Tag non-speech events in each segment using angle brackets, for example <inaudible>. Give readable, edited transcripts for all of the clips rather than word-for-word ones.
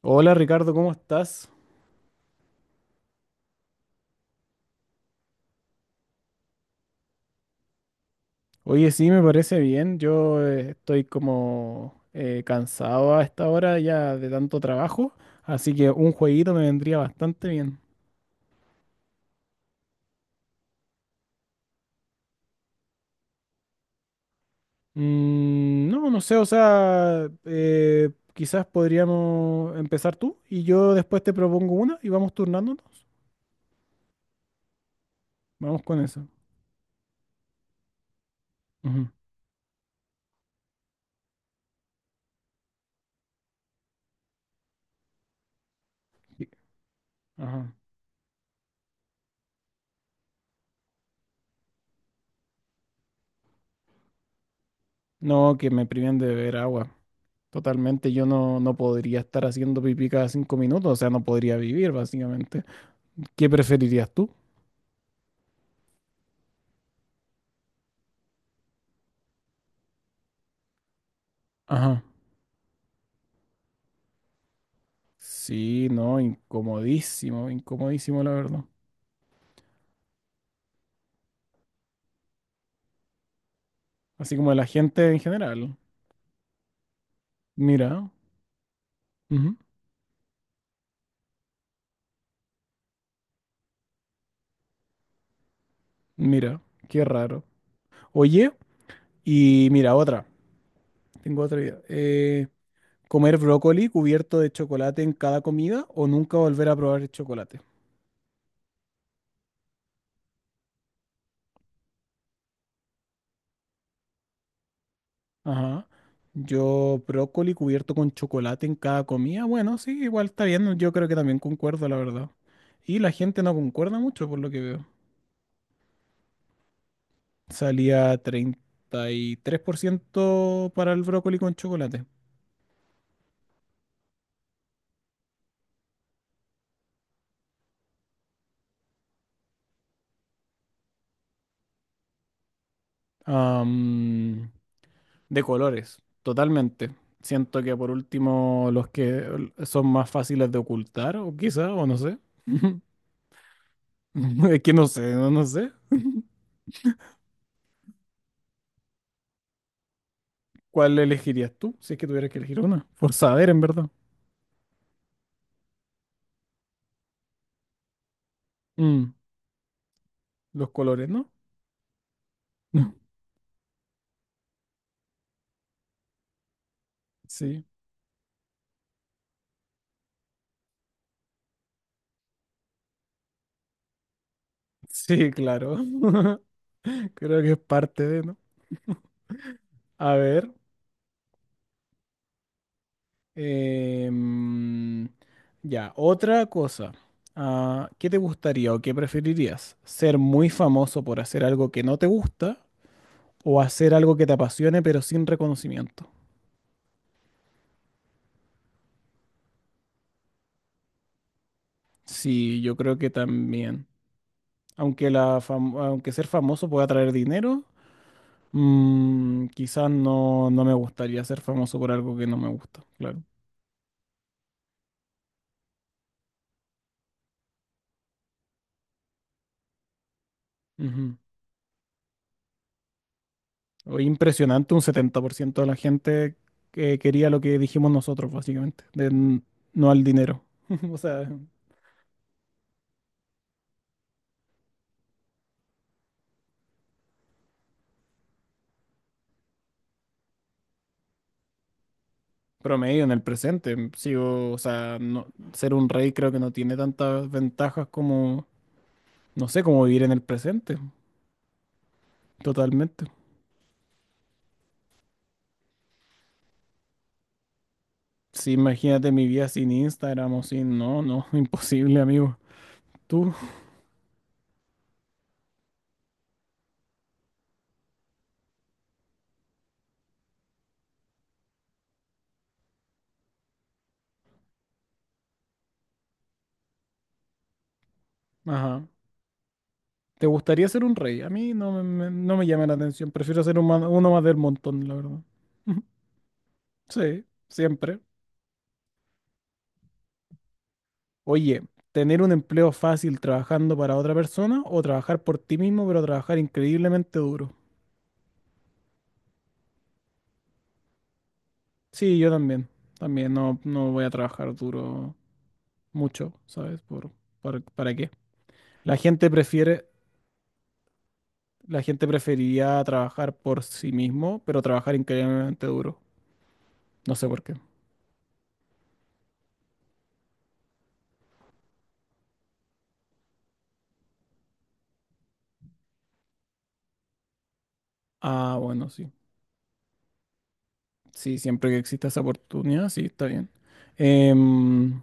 Hola Ricardo, ¿cómo estás? Oye, sí, me parece bien. Yo estoy como cansado a esta hora ya de tanto trabajo, así que un jueguito me vendría bastante bien. No, no sé, o sea, quizás podríamos empezar tú y yo después te propongo una y vamos turnándonos. Vamos con eso. Ujú. Sí. Ajá. No, que me priven de beber agua. Totalmente, yo no podría estar haciendo pipí cada cinco minutos, o sea, no podría vivir básicamente. ¿Qué preferirías tú? Ajá. Sí, no, incomodísimo, incomodísimo, la verdad. Así como de la gente en general. Mira. Ujú. Mira, qué raro. Oye, y mira, otra. Tengo otra idea. ¿Comer brócoli cubierto de chocolate en cada comida o nunca volver a probar el chocolate? Ajá. Yo, brócoli cubierto con chocolate en cada comida. Bueno, sí, igual está bien. Yo creo que también concuerdo, la verdad. Y la gente no concuerda mucho por lo que veo. Salía 33% para el brócoli con chocolate. Am, de colores, totalmente. Siento que por último los que son más fáciles de ocultar, o quizá, o no sé. <laughs> Es que no sé, no, no sé. ¿Cuál elegirías tú si es que tuvieras que elegir una? Por saber, en verdad. Mm, los colores, ¿no? <laughs> Sí, sí, claro. <laughs> Creo que es parte de, ¿no? A ver. Em, ya, otra cosa. Ah, ¿qué te gustaría o qué preferirías? ¿Ser muy famoso por hacer algo que no te gusta o hacer algo que te apasione pero sin reconocimiento? Sí, yo creo que también. Aunque ser famoso pueda traer dinero, quizás no me gustaría ser famoso por algo que no me gusta, claro. Ujú. Oye, impresionante, un 70% de la gente que quería lo que dijimos nosotros, básicamente, de no al dinero. <laughs> O sea, promedio en el presente. Sigo, o sea, ser un rey creo que no tiene tantas ventajas como, no sé, como vivir en el presente, totalmente. Sí, imagínate mi vida sin Instagram o sin, no, no, <laughs> imposible, amigo. Tú, ajá. ¿Te gustaría ser un rey? A mí no me llama la atención, prefiero ser uno más del montón, la verdad. <laughs> Sí, siempre. Oye, ¿tener un empleo fácil trabajando para otra persona o trabajar por ti mismo pero trabajar increíblemente duro? Sí, yo también. También no voy a trabajar duro mucho, ¿sabes? ¿Para qué? La gente prefiere, la gente preferiría trabajar por sí mismo pero trabajar increíblemente duro. No sé por qué. Ah, bueno, sí. Sí, siempre que exista esa oportunidad, sí, está bien. Em,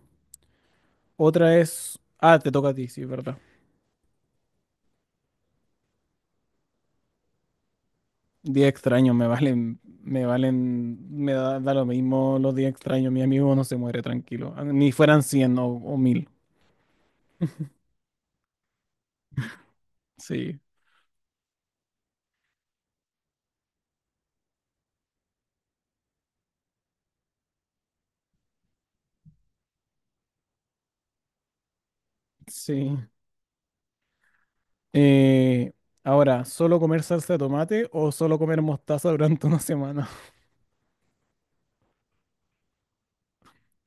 Ah, te toca a ti, sí, es ¿verdad? Día extraño, me valen, me valen, me da lo mismo los días extraños, mi amigo no se muere tranquilo, ah, ni fueran 100 o 1000. Sí, sí. Eh, Ahora, ¿solo comer salsa de tomate o solo comer mostaza durante una semana? <laughs>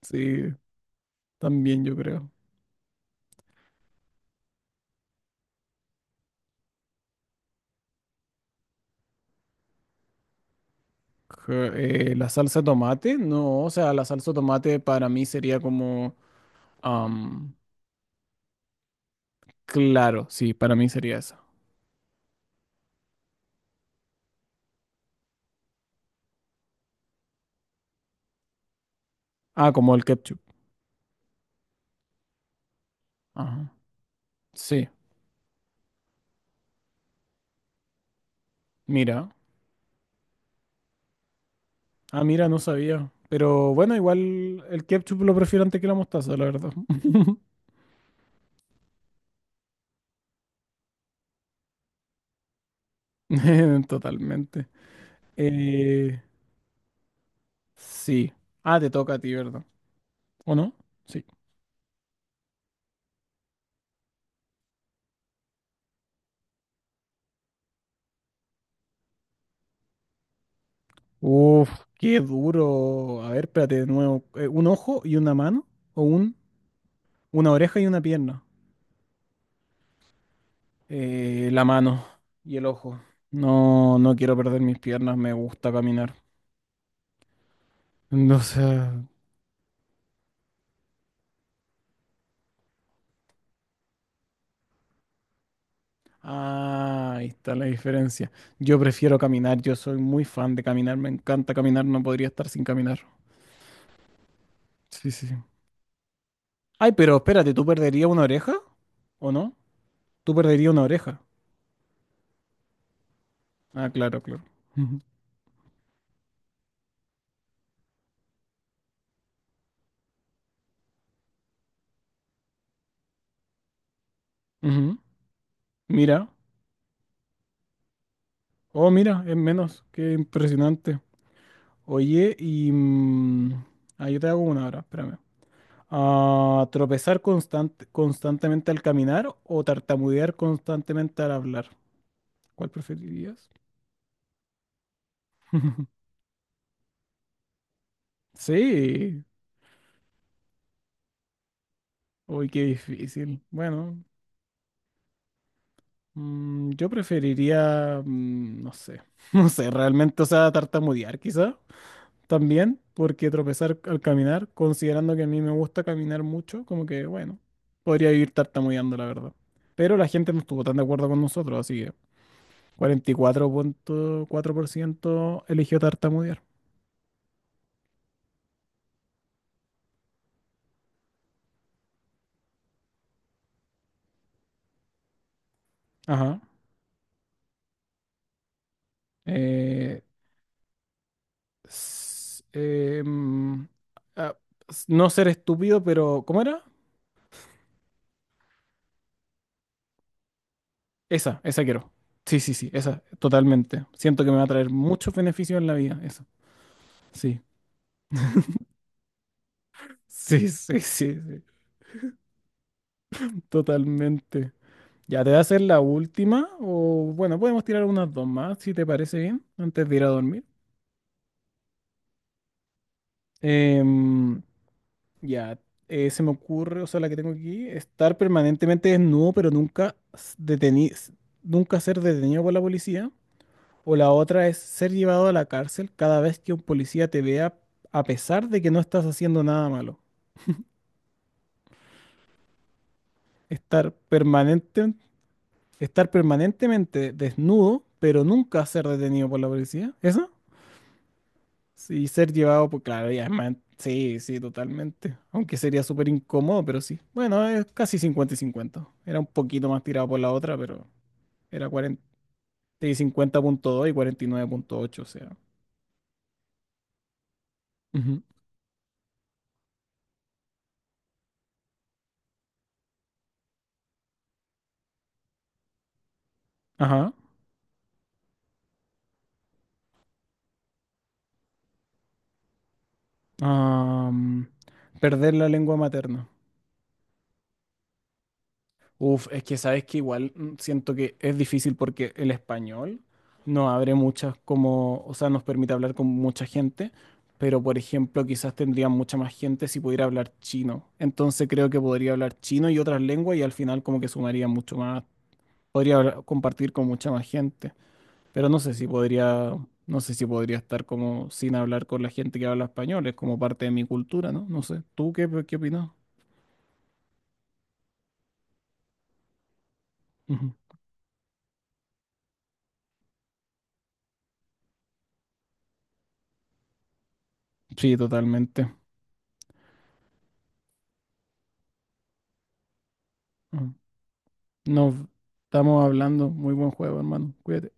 Sí, también yo creo. ¿La salsa de tomate? No, o sea, la salsa de tomate para mí sería como, am, claro, sí, para mí sería esa. Ah, como el ketchup. Ajá. Sí. Mira, ah, mira, no sabía. Pero bueno, igual el ketchup lo prefiero antes que la mostaza, la verdad. <laughs> Totalmente. Eh, sí. Ah, te toca a ti, ¿verdad? ¿O no? Sí. Uf, qué duro. A ver, espérate de nuevo. ¿Un ojo y una mano? ¿O una oreja y una pierna? La mano y el ojo. No, no quiero perder mis piernas, me gusta caminar. No sé. Ah, ahí está la diferencia. Yo prefiero caminar, yo soy muy fan de caminar, me encanta caminar, no podría estar sin caminar. Sí, sí, sí. Ay, pero espérate, ¿tú perderías una oreja? ¿O no? ¿Tú perderías una oreja? Ah, claro, claro. Ujú, ujú. Mira, oh, mira, es menos, qué impresionante. Oye, y, ah, yo te hago una ahora, espérame. Ah, ¿tropezar constantemente al caminar o tartamudear constantemente al hablar? ¿Cuál preferirías? <laughs> Sí, uy, qué difícil. Bueno, yo preferiría, no sé, <laughs> no sé, realmente, o sea, tartamudear quizá también, porque tropezar al caminar, considerando que a mí me gusta caminar mucho, como que, bueno, podría vivir tartamudeando, la verdad. Pero la gente no estuvo tan de acuerdo con nosotros, así que 44.4% eligió tartamudear. Ajá. Eh, s- em, ah, no ser estúpido, pero ¿cómo era? Esa quiero. Sí, sí, sí, esa, totalmente. Siento que me va a traer muchos beneficios en la vida, eso. Sí, <laughs> sí, sí, sí, sí, totalmente. ¿Ya te va a hacer la última? O bueno, podemos tirar unas dos más, si te parece bien, antes de ir a dormir. Em, ya, se me ocurre, o sea, la que tengo aquí, estar permanentemente desnudo, pero nunca ser detenido por la policía. O la otra es ser llevado a la cárcel cada vez que un policía te vea a pesar de que no estás haciendo nada malo. Estar permanente, estar permanentemente desnudo, pero nunca ser detenido por la policía. ¿Eso? Sí, Claro, Sí, sí, totalmente. Aunque sería súper incómodo, pero sí. Bueno, es casi 50 y cincuenta. Era un poquito más tirado por la otra, pero era 40 y 50,2 y 49,8, o sea. Ujú. Ajá. Am, Perder la lengua materna. Uf, es que sabes que igual siento que es difícil porque el español no abre muchas como, o sea, nos permite hablar con mucha gente, pero por ejemplo, quizás tendría mucha más gente si pudiera hablar chino. Entonces creo que podría hablar chino y otras lenguas y al final como que sumaría mucho más, podría compartir con mucha más gente, pero no sé si podría estar como sin hablar con la gente que habla español, es como parte de mi cultura, ¿no? No sé. ¿Tú qué opinas? Ujú. Sí, totalmente. Ujú. Nos estamos hablando. Muy buen juego, hermano. Cuídate.